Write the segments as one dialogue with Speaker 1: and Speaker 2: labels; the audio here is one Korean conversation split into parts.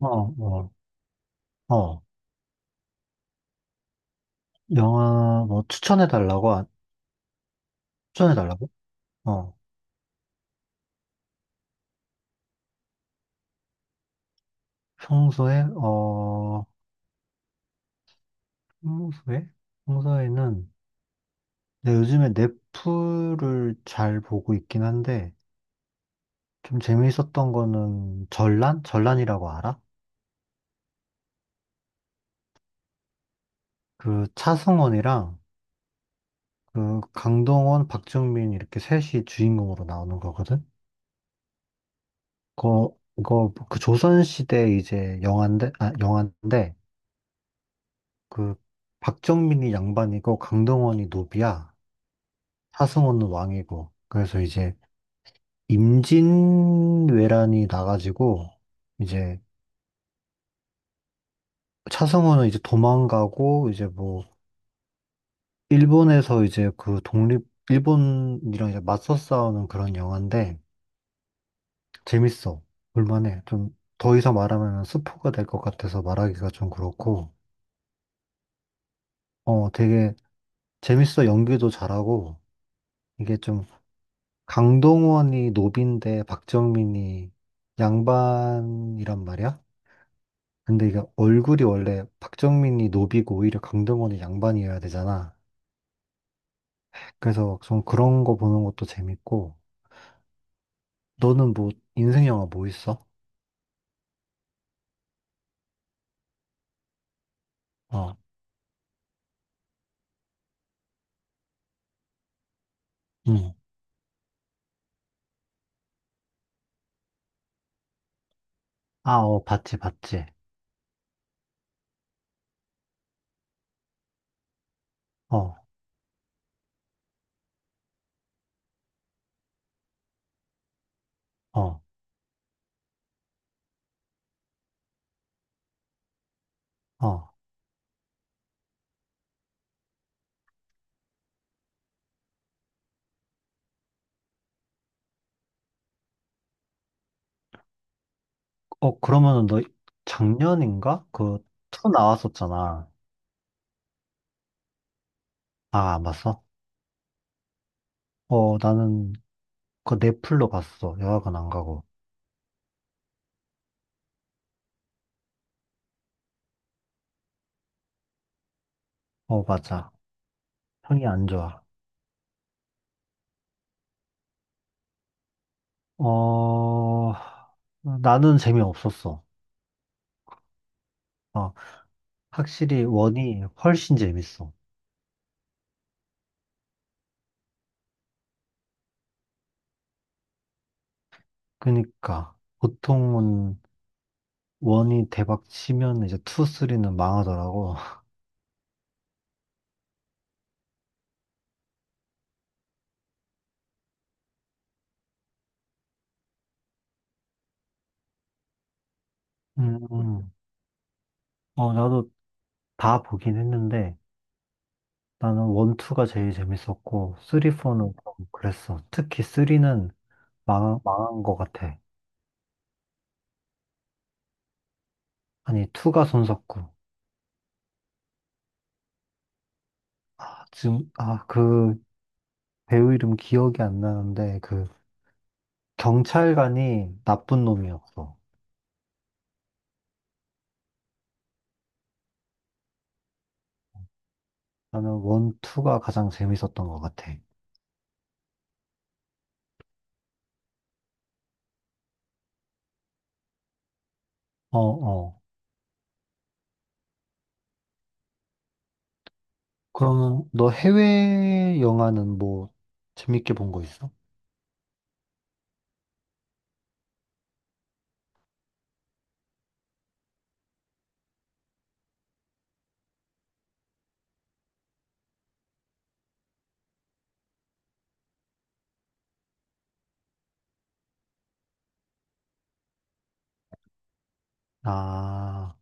Speaker 1: 어, 어, 어. 영화 뭐 추천해 달라고? 아, 추천해 달라고? 어. 평소에, 평소에? 평소에는 내 요즘에 넷플을 잘 보고 있긴 한데 좀 재미있었던 거는 전란? 전란이라고 알아? 그 차승원이랑 그 강동원, 박정민 이렇게 셋이 주인공으로 나오는 거거든? 그거 그 조선시대 이제 영화인데, 아, 영화인데 그 박정민이 양반이고 강동원이 노비야. 하승우는 왕이고. 그래서 이제 임진왜란이 나가지고 이제 차승원은 이제 도망가고 이제 뭐 일본에서 이제 그 독립 일본이랑 이제 맞서 싸우는 그런 영화인데 재밌어. 볼만해. 좀 더 이상 말하면 스포가 될 것 같아서 말하기가 좀 그렇고 어 되게 재밌어. 연기도 잘하고 이게 좀 강동원이 노빈데 박정민이 양반이란 말이야? 근데 이게 얼굴이 원래 박정민이 노비고 오히려 강동원이 양반이어야 되잖아. 그래서 좀 그런 거 보는 것도 재밌고. 너는 뭐 인생 영화 뭐 있어? 어, 응. 아, 어, 봤지, 봤지. 어, 어, 어. 어, 그러면은 너 작년인가? 그, 투 나왔었잖아. 아, 안 봤어? 어, 나는 그 넷플로 봤어. 영화관 안 가고. 어, 맞아. 형이 안 좋아. 어, 나는 재미없었어. 어, 확실히 원이 훨씬 재밌어. 그러니까 보통은 원이 대박 치면 이제 투, 쓰리는 망하더라고. 음, 음. 어, 나도 다 보긴 했는데 나는 원, 투가 제일 재밌었고 쓰리, 포는 좀 그랬어. 특히 쓰리는 망한 것 같아. 아니, 투가 손석구. 아, 지금, 아, 그 배우 이름 기억이 안 나는데 그 경찰관이 나쁜 놈이었어. 나는 원, 투가 가장 재밌었던 것 같아. 어, 어. 그러면 너 해외 영화는 뭐 재밌게 본 거 있어? 아,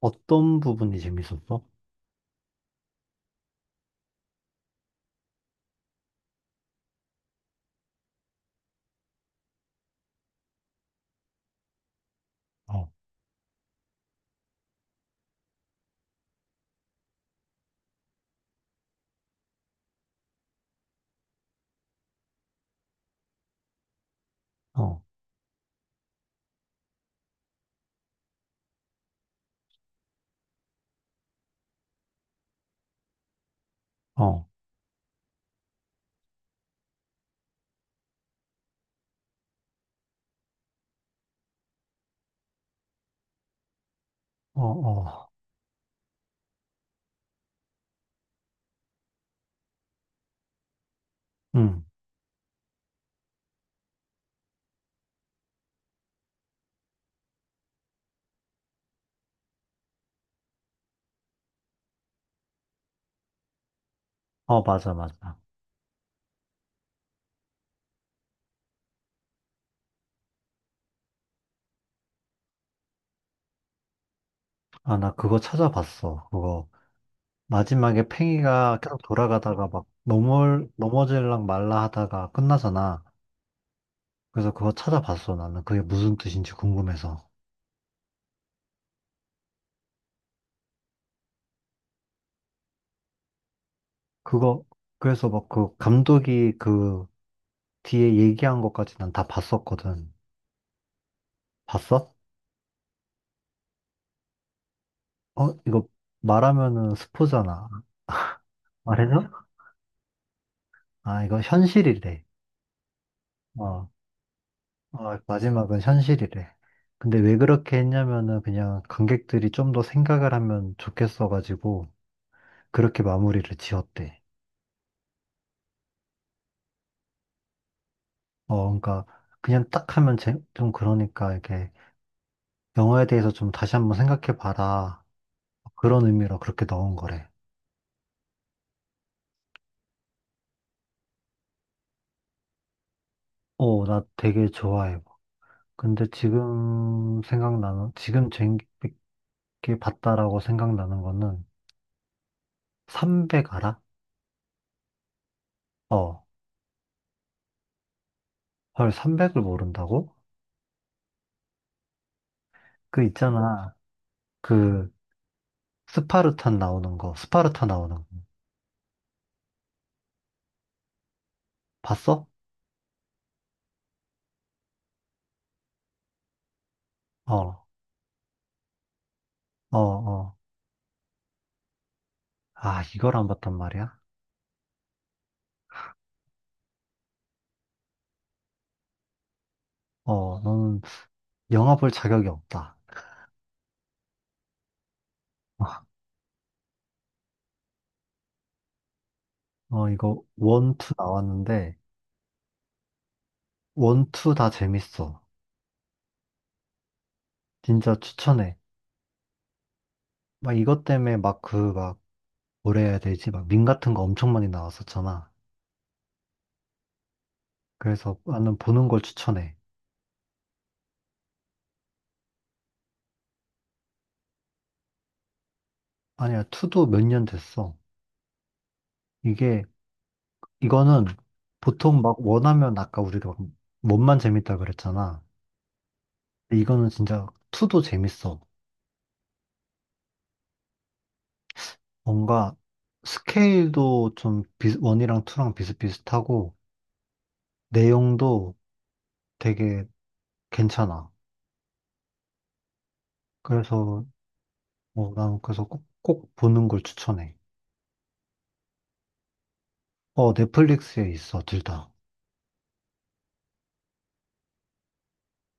Speaker 1: 어떤 부분이 재밌었어? 어, 어, 어, 어. 응. 어, 맞아, 맞아. 아, 나 그거 찾아봤어. 그거 마지막에 팽이가 계속 돌아가다가 막 넘어, 넘어질랑 말라 하다가 끝나잖아. 그래서 그거 찾아봤어. 나는 그게 무슨 뜻인지 궁금해서. 그거 그래서 막 그 감독이 그 뒤에 얘기한 것까지 난 다 봤었거든. 봤어? 어, 이거 말하면은 스포잖아. 말해줘? 아, 이거 현실이래. 어, 어, 마지막은 현실이래. 근데 왜 그렇게 했냐면은 그냥 관객들이 좀 더 생각을 하면 좋겠어가지고 그렇게 마무리를 지었대. 어, 그러니까 그냥 딱 하면 제- 좀 그러니까 이렇게 영화에 대해서 좀 다시 한번 생각해봐라. 그런 의미로 그렇게 넣은 거래. 어, 나 되게 좋아해. 근데 지금 생각나는, 지금 재밌게 봤다라고 생각나는 거는 300 알아? 어, 헐, 300을 모른다고? 그 있잖아. 그 스파르탄 나오는 거, 스파르타 나오는 거. 봤어? 어, 어. 아, 이걸 안 봤단 말이야? 어, 너는 영화 볼 자격이 없다. 어, 이거 원투 나왔는데 원투 다 재밌어. 진짜 추천해. 막 이것 때문에 막 그 막 뭐라 해야 되지? 막 밈 같은 거 엄청 많이 나왔었잖아. 그래서 나는 보는 걸 추천해. 아니야, 투도 몇 년 됐어. 이게, 이거는 보통 막 원하면 아까 우리가 원만 재밌다 그랬잖아. 근데 이거는 진짜 투도 재밌어. 뭔가 스케일도 좀 비, 원이랑 투랑 비슷비슷하고 내용도 되게 괜찮아. 그래서 뭐 나는 그래서 꼭, 꼭 보는 걸 추천해. 어, 넷플릭스에 있어, 둘 다.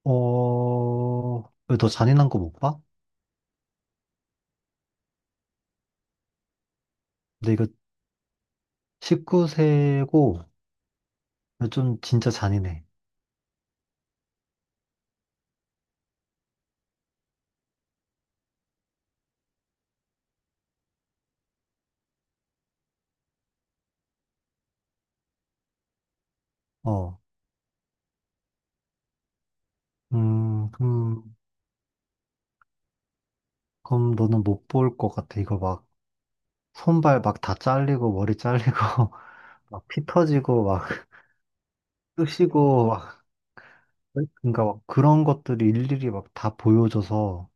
Speaker 1: 어, 왜 너 잔인한 거 못 봐? 근데 이거 19세고 좀 진짜 잔인해. 어. 그럼, 그럼 너는 못 볼 것 같아. 이거 막 손발 막 다 잘리고 머리 잘리고 막 피 터지고 막 쑤시고 막 그러니까 막 그런 것들이 일일이 막 다 보여줘서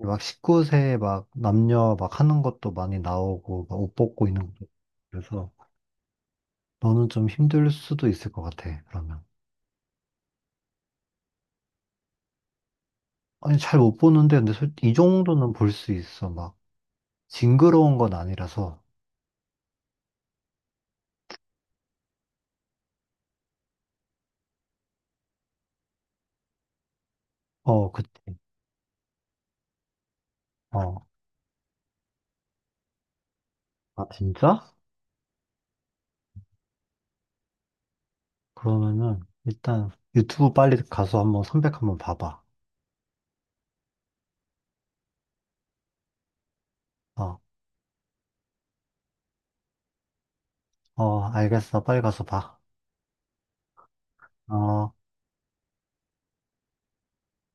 Speaker 1: 막 19세 막 남녀 막 하는 것도 많이 나오고 막 옷 벗고 있는 것도 그래서 너는 좀 힘들 수도 있을 것 같아. 그러면 아니 잘 못 보는데 근데 솔- 이 정도는 볼 수 있어. 막 징그러운 건 아니라서 어 그치. 어. 아, 진짜? 그러면은, 일단, 유튜브 빨리 가서 한번 선백 한번 봐봐. 어, 어, 알겠어. 빨리 가서 봐. 어.